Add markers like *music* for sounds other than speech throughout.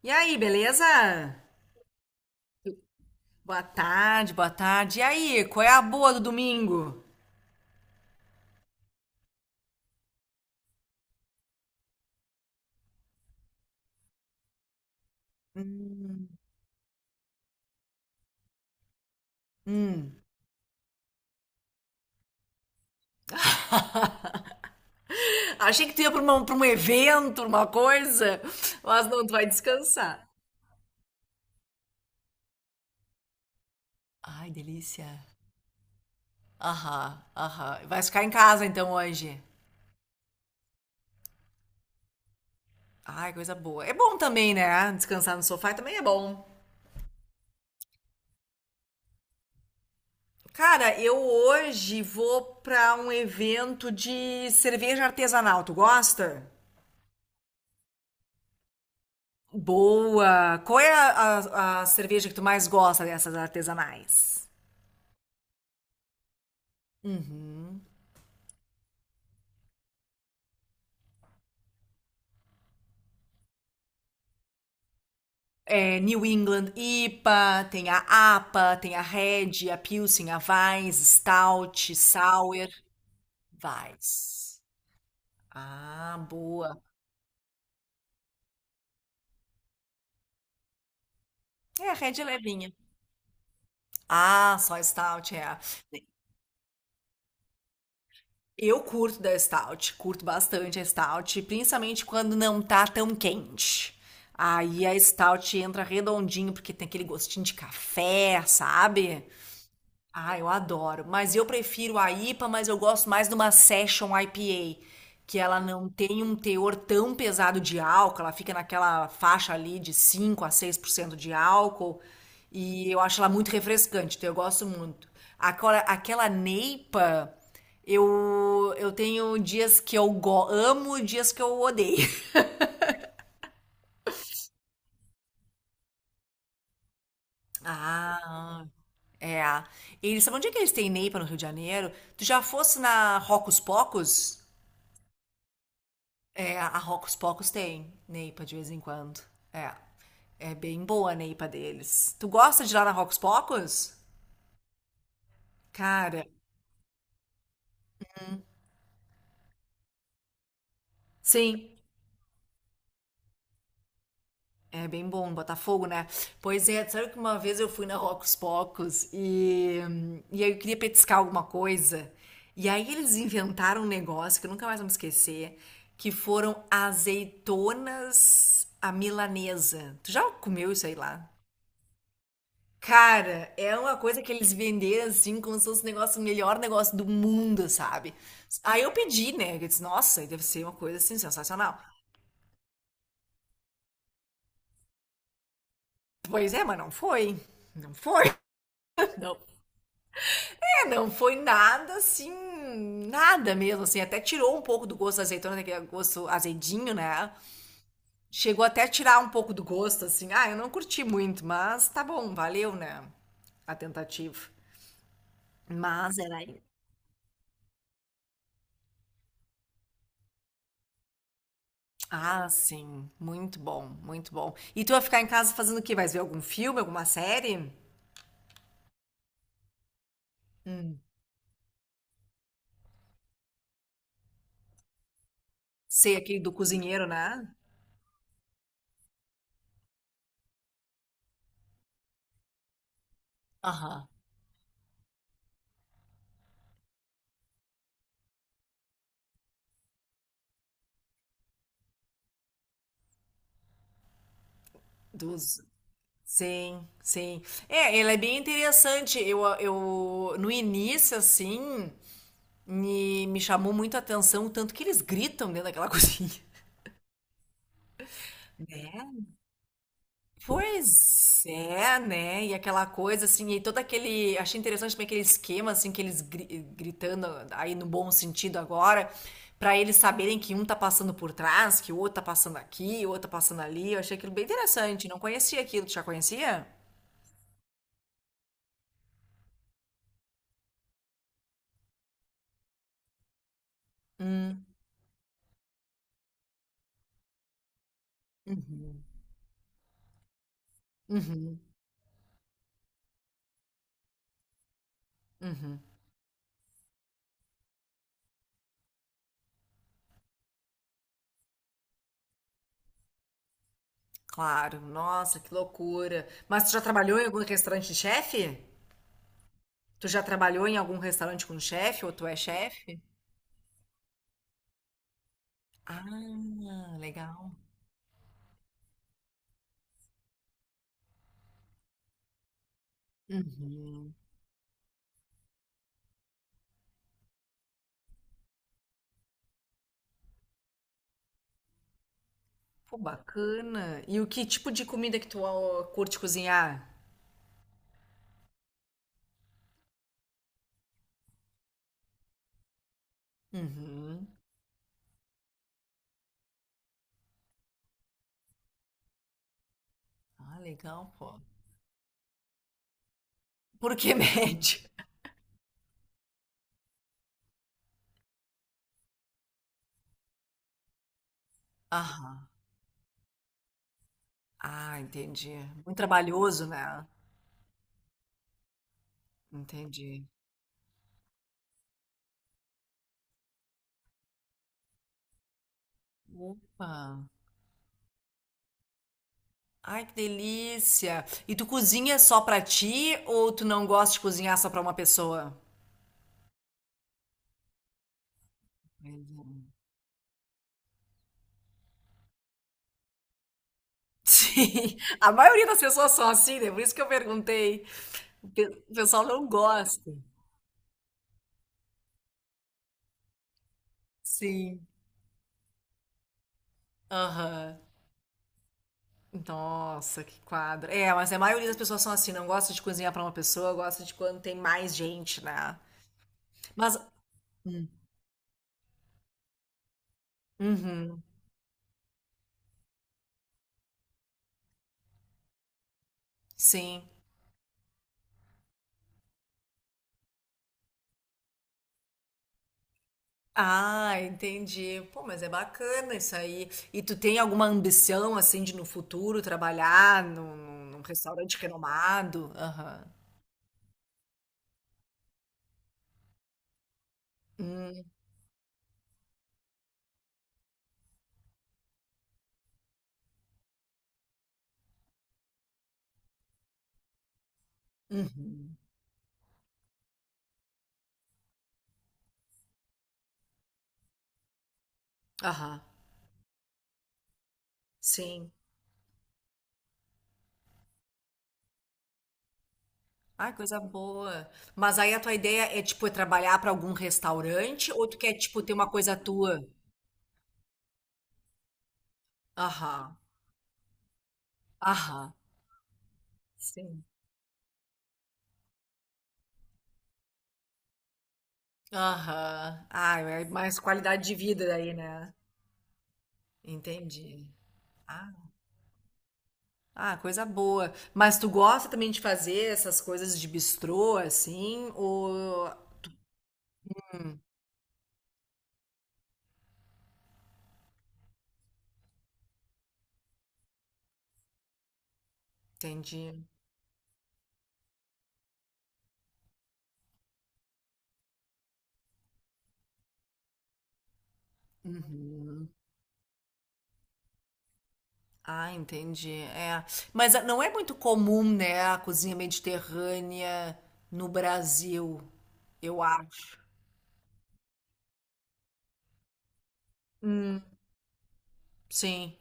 E aí, beleza? Boa tarde, boa tarde. E aí, qual é a boa do domingo? Hum, hum. Achei que tu ia pra, pra um evento, uma coisa, mas não, tu vai descansar. Ai, delícia. Aham, aham. Vai ficar em casa então hoje. Ai, coisa boa. É bom também, né? Descansar no sofá também é bom. Cara, eu hoje vou pra um evento de cerveja artesanal. Tu gosta? Boa! Qual é a cerveja que tu mais gosta dessas artesanais? Uhum. É New England IPA, tem a APA, tem a Red, a Pilsen, a Weiss, Stout, Sour, Weiss. Ah, boa. É, a Red é levinha. Ah, só Stout é. Eu curto da Stout, curto bastante a Stout, principalmente quando não tá tão quente. Aí a Stout entra redondinho, porque tem aquele gostinho de café, sabe? Ah, eu adoro. Mas eu prefiro a IPA, mas eu gosto mais de uma Session IPA, que ela não tem um teor tão pesado de álcool, ela fica naquela faixa ali de 5 a 6 por cento de álcool, e eu acho ela muito refrescante, então eu gosto muito. Agora, aquela Neipa, eu tenho dias que amo e dias que eu odeio. *laughs* Ah, é. Eles, sabe onde é que eles têm Neipa no Rio de Janeiro? Tu já fosse na Rocos Pocos? É, a Rocos Pocos tem Neipa de vez em quando. É. É bem boa a Neipa deles. Tu gosta de ir lá na Rocos Pocos? Cara, sim. É bem bom, Botafogo, né? Pois é, sabe que uma vez eu fui na Rocos Pocos e aí eu queria petiscar alguma coisa. E aí eles inventaram um negócio que eu nunca mais vou me esquecer, que foram azeitonas à milanesa. Tu já comeu isso aí lá? Cara, é uma coisa que eles venderam assim, como se fosse o negócio, o melhor negócio do mundo, sabe? Aí eu pedi, né? Eu disse, nossa, deve ser uma coisa assim, sensacional. Pois é, mas não foi. Não foi. *laughs* Não. É, não foi nada assim, nada mesmo, assim. Até tirou um pouco do gosto da azeitona, né, que é gosto azedinho, né? Chegou até a tirar um pouco do gosto, assim. Ah, eu não curti muito, mas tá bom, valeu, né? A tentativa. Mas era... Ah, sim. Muito bom, muito bom. E tu vai ficar em casa fazendo o quê? Vai ver algum filme, alguma série? Hum. Sei aquele do cozinheiro, né? Aham. Dos... Sim, sim. É, ele é bem interessante. Eu no início, assim, me chamou muito a atenção o tanto que eles gritam dentro daquela *laughs* cozinha. Né? Pois é, né? E aquela coisa assim, e todo aquele... Achei interessante também aquele esquema, assim, que gritando aí no bom sentido agora, pra eles saberem que um tá passando por trás, que o outro tá passando aqui, o outro tá passando ali. Eu achei aquilo bem interessante. Não conhecia aquilo, tu já conhecia? Uhum. Uhum. Uhum. Claro, nossa, que loucura. Mas tu já trabalhou em algum restaurante de chefe? Tu já trabalhou em algum restaurante com chefe ou tu é chefe? Ah, legal. Uhum. Pô, bacana. E o que tipo de comida que tu ah, curte cozinhar? Uhum. Ah, legal, pô. Por que *laughs* médio? Aham. Ah, entendi. Muito trabalhoso, né? Entendi. Opa. Ai, que delícia. E tu cozinha só pra ti ou tu não gosta de cozinhar só pra uma pessoa? Pois é. *laughs* Sim, a maioria das pessoas são assim, né? Por isso que eu perguntei. O pessoal não gosta. Sim. Aham. Nossa, que quadro. É, mas a maioria das pessoas são assim, não gosta de cozinhar pra uma pessoa, gosta de quando tem mais gente, né? Mas, uhum, sim. Ah, entendi. Pô, mas é bacana isso aí. E tu tem alguma ambição, assim, de no futuro trabalhar num restaurante renomado? Aham. Hum, uhum. Aham. Sim. Ah, coisa boa. Mas aí a tua ideia é, tipo, é trabalhar pra algum restaurante ou tu quer, tipo, ter uma coisa tua? Aham. Aham. Sim. Aham. Ah, é mais qualidade de vida daí, né? Entendi. Ah, ah, coisa boa. Mas tu gosta também de fazer essas coisas de bistrô, assim? Ou... Entendi. Uhum. Ah, entendi. É. Mas ah, não é muito comum, né, a cozinha mediterrânea no Brasil, eu acho. Hum, sim.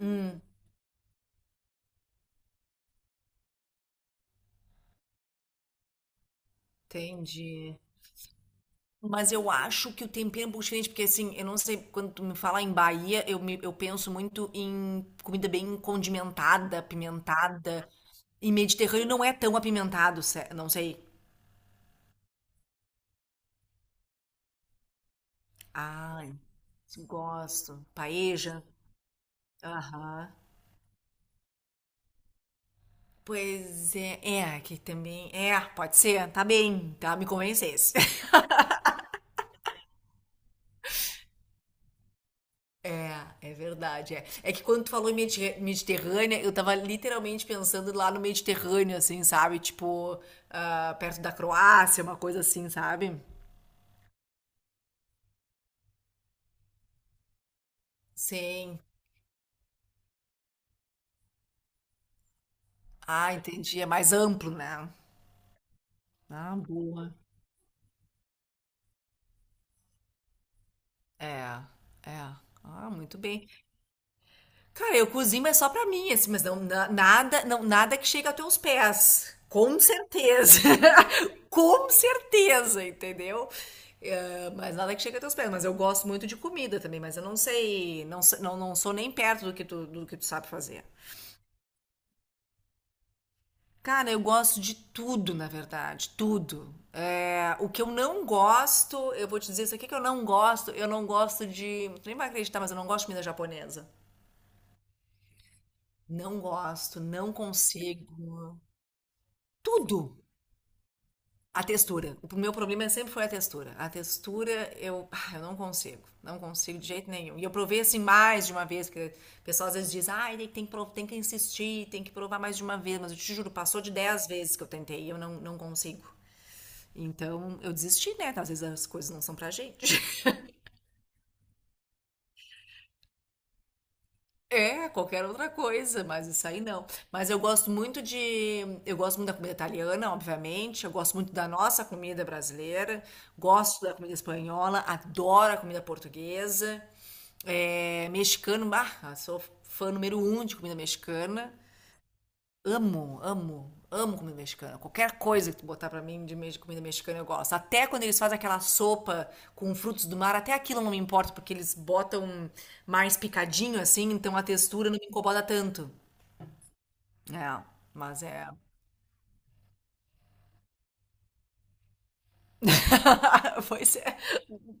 Hum, entendi. Mas eu acho que o tempero é um pouco diferente, porque assim, eu não sei, quando tu me fala em Bahia, eu penso muito em comida bem condimentada, apimentada. E Mediterrâneo não é tão apimentado, não sei. Ai, gosto. Paeja. Aham. Pois é, é, que também. É, pode ser, tá bem, tá? Me convencesse. É, é verdade. É. É que quando tu falou em Mediterrânea, eu tava literalmente pensando lá no Mediterrâneo, assim, sabe? Tipo, ah, perto da Croácia, uma coisa assim, sabe? Sim. Ah, entendi. É mais amplo, né? Ah, boa. É, é. Ah, muito bem. Cara, eu cozinho, mas só pra mim, assim, mas não, nada, não, nada que chegue aos teus pés. Com certeza. *laughs* Com certeza, entendeu? Eh, mas nada que chegue aos teus pés. Mas eu gosto muito de comida também, mas eu não sei, não, não, não sou nem perto do que tu sabe fazer. Cara, eu gosto de tudo, na verdade, tudo. Eh, o que eu não gosto, eu vou te dizer isso aqui que eu não gosto de, tu nem vai acreditar, mas eu não gosto de comida japonesa. Não gosto, não consigo. Tudo. A textura. O meu problema sempre foi a textura. A textura, eu, ah, eu não consigo. Não consigo de jeito nenhum. E eu provei assim mais de uma vez, porque o pessoal às vezes diz, ai, tem que insistir, tem que provar mais de uma vez. Mas eu te juro, passou de 10 vezes que eu tentei e eu não, não consigo. Então eu desisti, né? Às vezes as coisas não são pra gente. É, qualquer outra coisa, mas isso aí não. Mas eu gosto muito de, eu gosto muito da comida italiana, obviamente. Eu gosto muito da nossa comida brasileira. Gosto da comida espanhola, adoro a comida portuguesa. É, mexicano, bah, sou fã número 1 de comida mexicana. Amo, amo, amo comida mexicana. Qualquer coisa que tu botar pra mim de comida mexicana eu gosto. Até quando eles fazem aquela sopa com frutos do mar, até aquilo não me importa, porque eles botam mais picadinho assim, então a textura não me incomoda tanto. É, mas é. *laughs* Pois é.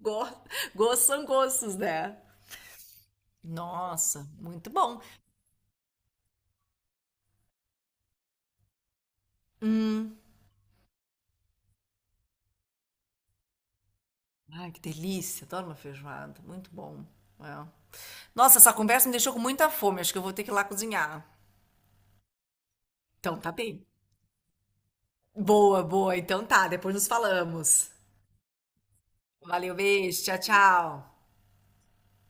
Go- Gostos são gostos, né? Nossa, muito bom. Hum. Ai, que delícia, adoro uma feijoada, muito bom. É. Nossa, essa conversa me deixou com muita fome, acho que eu vou ter que ir lá cozinhar. Então, tá bem. Boa, boa. Então tá, depois nos falamos. Valeu, beijo, tchau, tchau.